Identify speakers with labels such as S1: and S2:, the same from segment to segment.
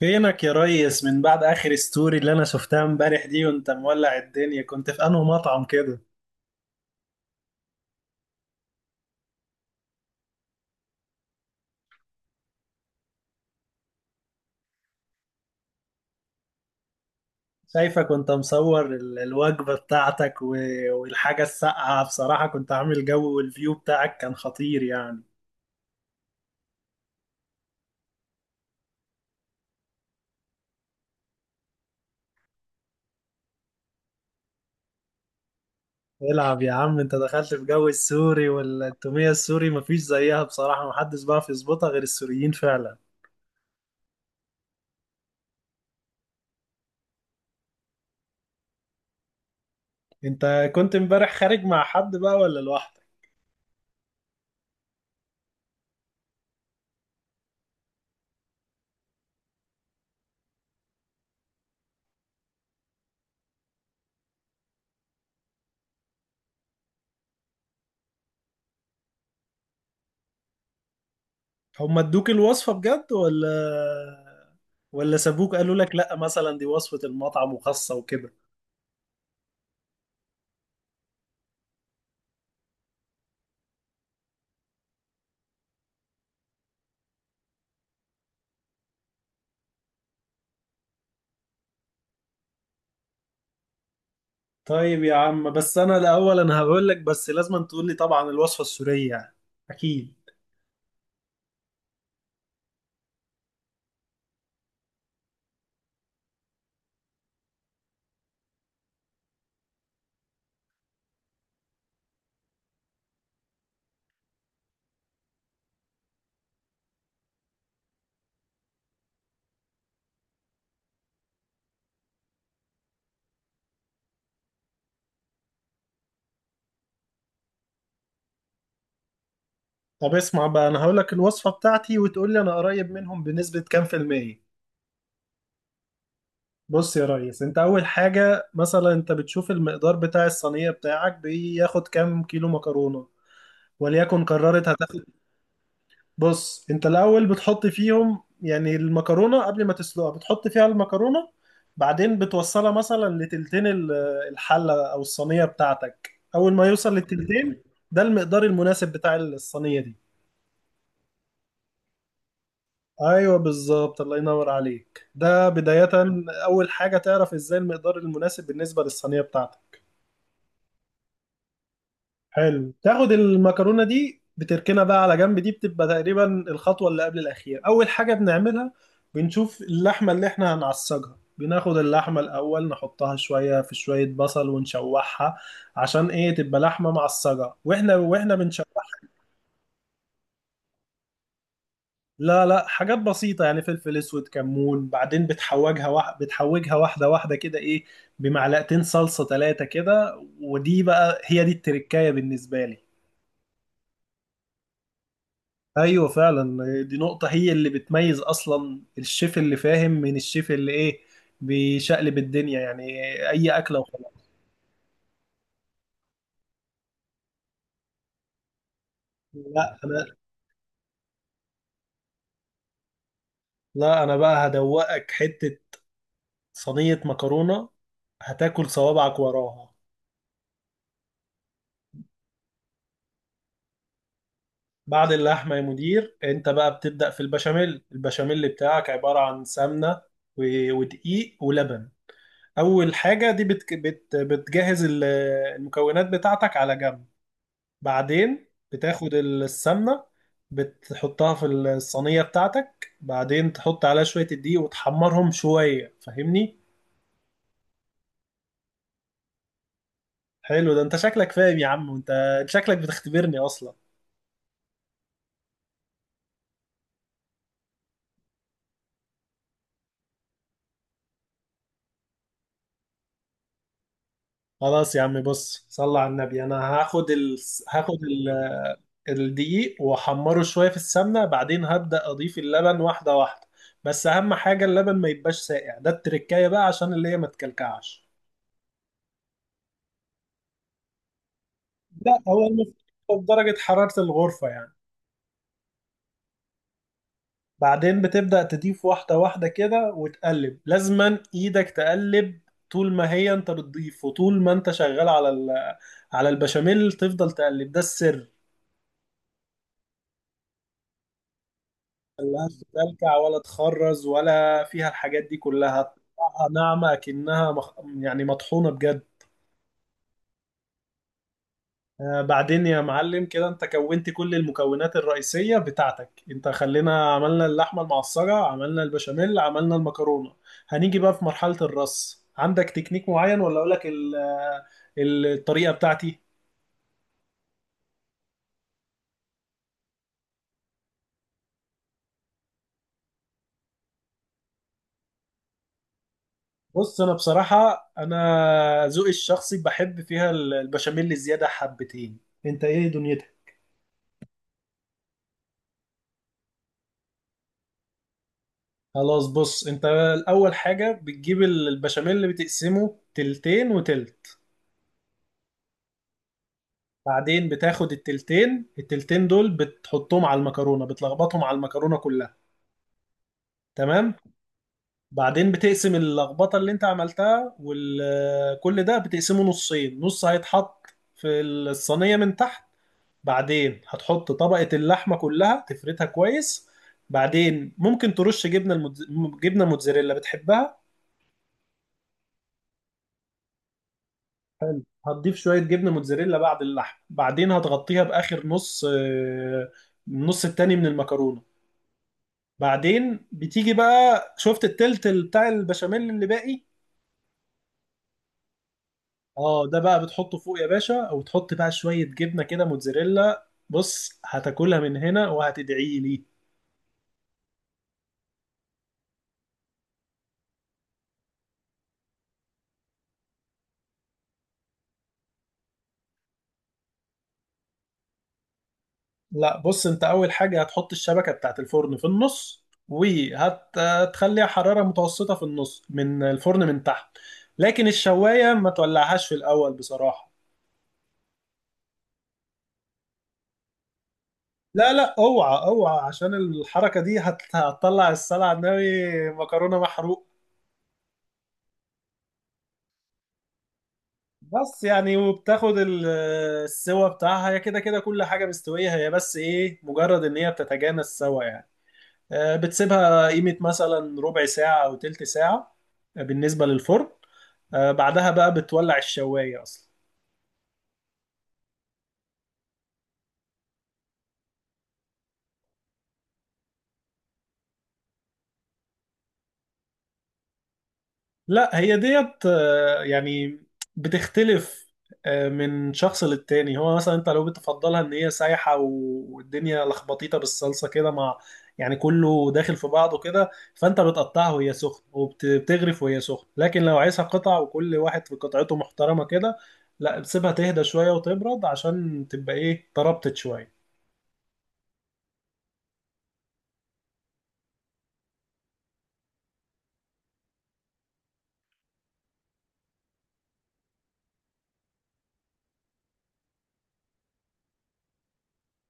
S1: فينك يا ريس؟ من بعد اخر ستوري اللي انا شفتها امبارح دي وانت مولع الدنيا، كنت في انه مطعم كده. شايفك وانت مصور الوجبة بتاعتك والحاجة الساقعة، بصراحة كنت عامل جو، والفيو بتاعك كان خطير يعني. العب يا عم، انت دخلت في جو السوري، والتومية السوري مفيش زيها بصراحة، محدش بقى يظبطها غير السوريين فعلا. انت كنت امبارح خارج مع حد بقى ولا لوحدك؟ هم ادوك الوصفة بجد ولا سابوك قالوا لك لا مثلا دي وصفة المطعم وخاصة وكده؟ طيب يا عم، بس انا الاول، هقول لك، بس لازم تقول لي طبعا الوصفة السورية يعني. اكيد. طب اسمع بقى، انا هقول لك الوصفة بتاعتي وتقول لي انا قريب منهم بنسبة كام في المية. بص يا ريس، انت اول حاجة مثلا انت بتشوف المقدار بتاع الصينية بتاعك بياخد كام كيلو مكرونة، وليكن قررت هتاخد. بص انت الاول بتحط فيهم يعني المكرونه قبل ما تسلقها، بتحط فيها المكرونه، بعدين بتوصلها مثلا لتلتين الحله او الصينيه بتاعتك. اول ما يوصل للتلتين ده المقدار المناسب بتاع الصينيه دي. ايوه بالظبط، الله ينور عليك، ده بدايه. اول حاجه تعرف ازاي المقدار المناسب بالنسبه للصينيه بتاعتك. حلو، تاخد المكرونه دي بتركنها بقى على جنب، دي بتبقى تقريبا الخطوه اللي قبل الاخير. اول حاجه بنعملها بنشوف اللحمه اللي احنا هنعصجها، بناخد اللحمه الاول نحطها شويه في شويه بصل ونشوحها، عشان ايه؟ تبقى لحمه معصجه، واحنا بنشوحها. لا لا، حاجات بسيطه يعني، فلفل اسود، كمون، بعدين بتحوجها بتحوجها واحده واحده كده، ايه، بمعلقتين صلصه، ثلاثه كده، ودي بقى هي دي التركايه بالنسبه لي. ايوه فعلا، دي نقطة هي اللي بتميز اصلا الشيف اللي فاهم من الشيف اللي ايه، بيشقلب الدنيا يعني اي اكلة وخلاص. لا انا لا انا بقى هدوقك حتة صينية مكرونة هتاكل صوابعك وراها. بعد اللحمة يا مدير، انت بقى بتبدأ في البشاميل. البشاميل بتاعك عبارة عن سمنة ودقيق ولبن. اول حاجة دي بت بت بتجهز المكونات بتاعتك على جنب، بعدين بتاخد السمنة، بتحطها في الصينية بتاعتك، بعدين تحط عليها شوية الدقيق وتحمرهم شوية، فاهمني؟ حلو، ده انت شكلك فاهم يا عم، وانت شكلك بتختبرني اصلا. خلاص يا عم، بص، صل على النبي. هاخد الدقيق واحمره شوية في السمنة، بعدين هبدأ اضيف اللبن واحدة واحدة، بس اهم حاجة اللبن ما يبقاش ساقع، ده التركاية بقى عشان اللي هي ما تكلكعش. لا، هو المفروض درجة حرارة الغرفة يعني. بعدين بتبدأ تضيف واحدة واحدة كده وتقلب، لازما ايدك تقلب طول ما هي انت بتضيف، وطول ما انت شغال على على البشاميل تفضل تقلب، ده السر. ملهاش تلكع ولا تخرز ولا فيها الحاجات دي كلها، ناعمة يعني مطحونة بجد. بعدين يا معلم كده انت كونت كل المكونات الرئيسية بتاعتك، انت خلينا عملنا اللحمة المعصرة، عملنا البشاميل، عملنا المكرونة. هنيجي بقى في مرحلة الرص، عندك تكنيك معين ولا اقولك الطريقة بتاعتي؟ بص انا بصراحة، انا ذوقي الشخصي بحب فيها البشاميل زيادة حبتين، انت ايه دنيتك؟ خلاص، بص انت اول حاجة بتجيب البشاميل اللي بتقسمه تلتين وتلت، بعدين بتاخد التلتين، دول بتحطهم على المكرونة، بتلخبطهم على المكرونة كلها، تمام؟ بعدين بتقسم اللخبطة اللي انت عملتها وكل ده بتقسمه نصين، نص هيتحط في الصينية من تحت، بعدين هتحط طبقة اللحمة كلها تفردها كويس، بعدين ممكن ترش جبنة موتزاريلا، بتحبها؟ هتضيف شوية جبنة موتزاريلا بعد اللحم، بعدين هتغطيها بآخر نص، النص التاني من المكرونة. بعدين بتيجي بقى، شفت التلت بتاع البشاميل اللي باقي؟ اه، ده بقى بتحطه فوق يا باشا، او تحط بقى شوية جبنة كده موتزاريلا، بص هتاكلها من هنا وهتدعي لي. لا بص، انت اول حاجة هتحط الشبكة بتاعت الفرن في النص، وهتخليها حرارة متوسطة في النص من الفرن من تحت، لكن الشواية ما تولعهاش في الاول بصراحة. لا، اوعى اوعى، عشان الحركة دي هتطلع السلع ناوي، مكرونة محروق. بس يعني، وبتاخد السوا بتاعها، هي كده كده كل حاجة مستوية، هي بس ايه، مجرد ان هي بتتجانس سوا يعني. بتسيبها قيمة مثلا ربع ساعة او تلت ساعة بالنسبة للفرن، بعدها بقى بتولع الشواية اصلا. لا، هي ديت يعني بتختلف من شخص للتاني. هو مثلا انت لو بتفضلها ان هي سايحة والدنيا لخبطيطة بالصلصة كده، مع يعني كله داخل في بعضه كده، فانت بتقطعها وهي سخنة وبتغرف وهي سخنة، لكن لو عايزها قطع وكل واحد في قطعته محترمة كده، لا بتسيبها تهدى شوية وتبرد عشان تبقى ايه، تربطت شوية.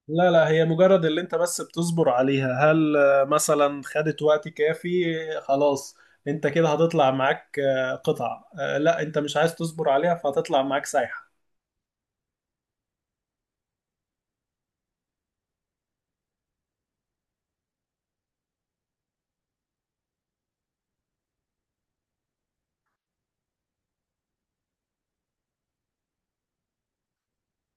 S1: لا، هي مجرد اللي انت بس بتصبر عليها، هل مثلا خدت وقت كافي؟ خلاص، انت كده هتطلع معاك قطع، لا انت مش عايز تصبر عليها فهتطلع معاك سايحة.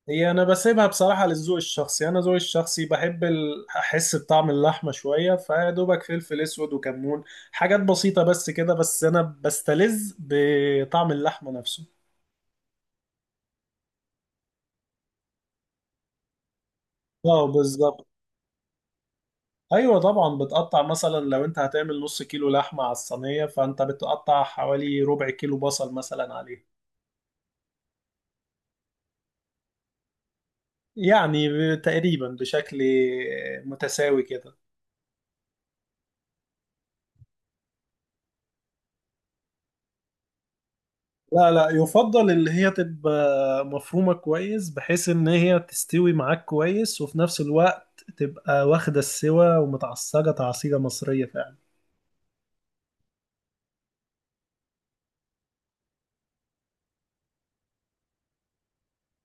S1: هي انا بسيبها بصراحة للذوق الشخصي، انا ذوقي الشخصي بحب احس بطعم اللحمة شوية، فيا دوبك فلفل اسود وكمون، حاجات بسيطة بس كده، بس انا بستلذ بطعم اللحمة نفسه. اه بالظبط. ايوه طبعا، بتقطع مثلا لو انت هتعمل 1/2 كيلو لحمه على الصينيه، فانت بتقطع حوالي 1/4 كيلو بصل مثلا عليه، يعني تقريبا بشكل متساوي كده. لا، يفضل اللي هي تبقى مفرومه كويس، بحيث ان هي تستوي معاك كويس، وفي نفس الوقت تبقى واخده السوا ومتعصجه تعصيجه مصريه فعلا.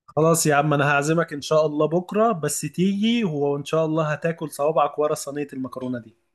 S1: خلاص يا عم، انا هعزمك ان شاء الله بكره بس تيجي، وان شاء الله هتاكل صوابعك ورا صينيه المكرونه دي.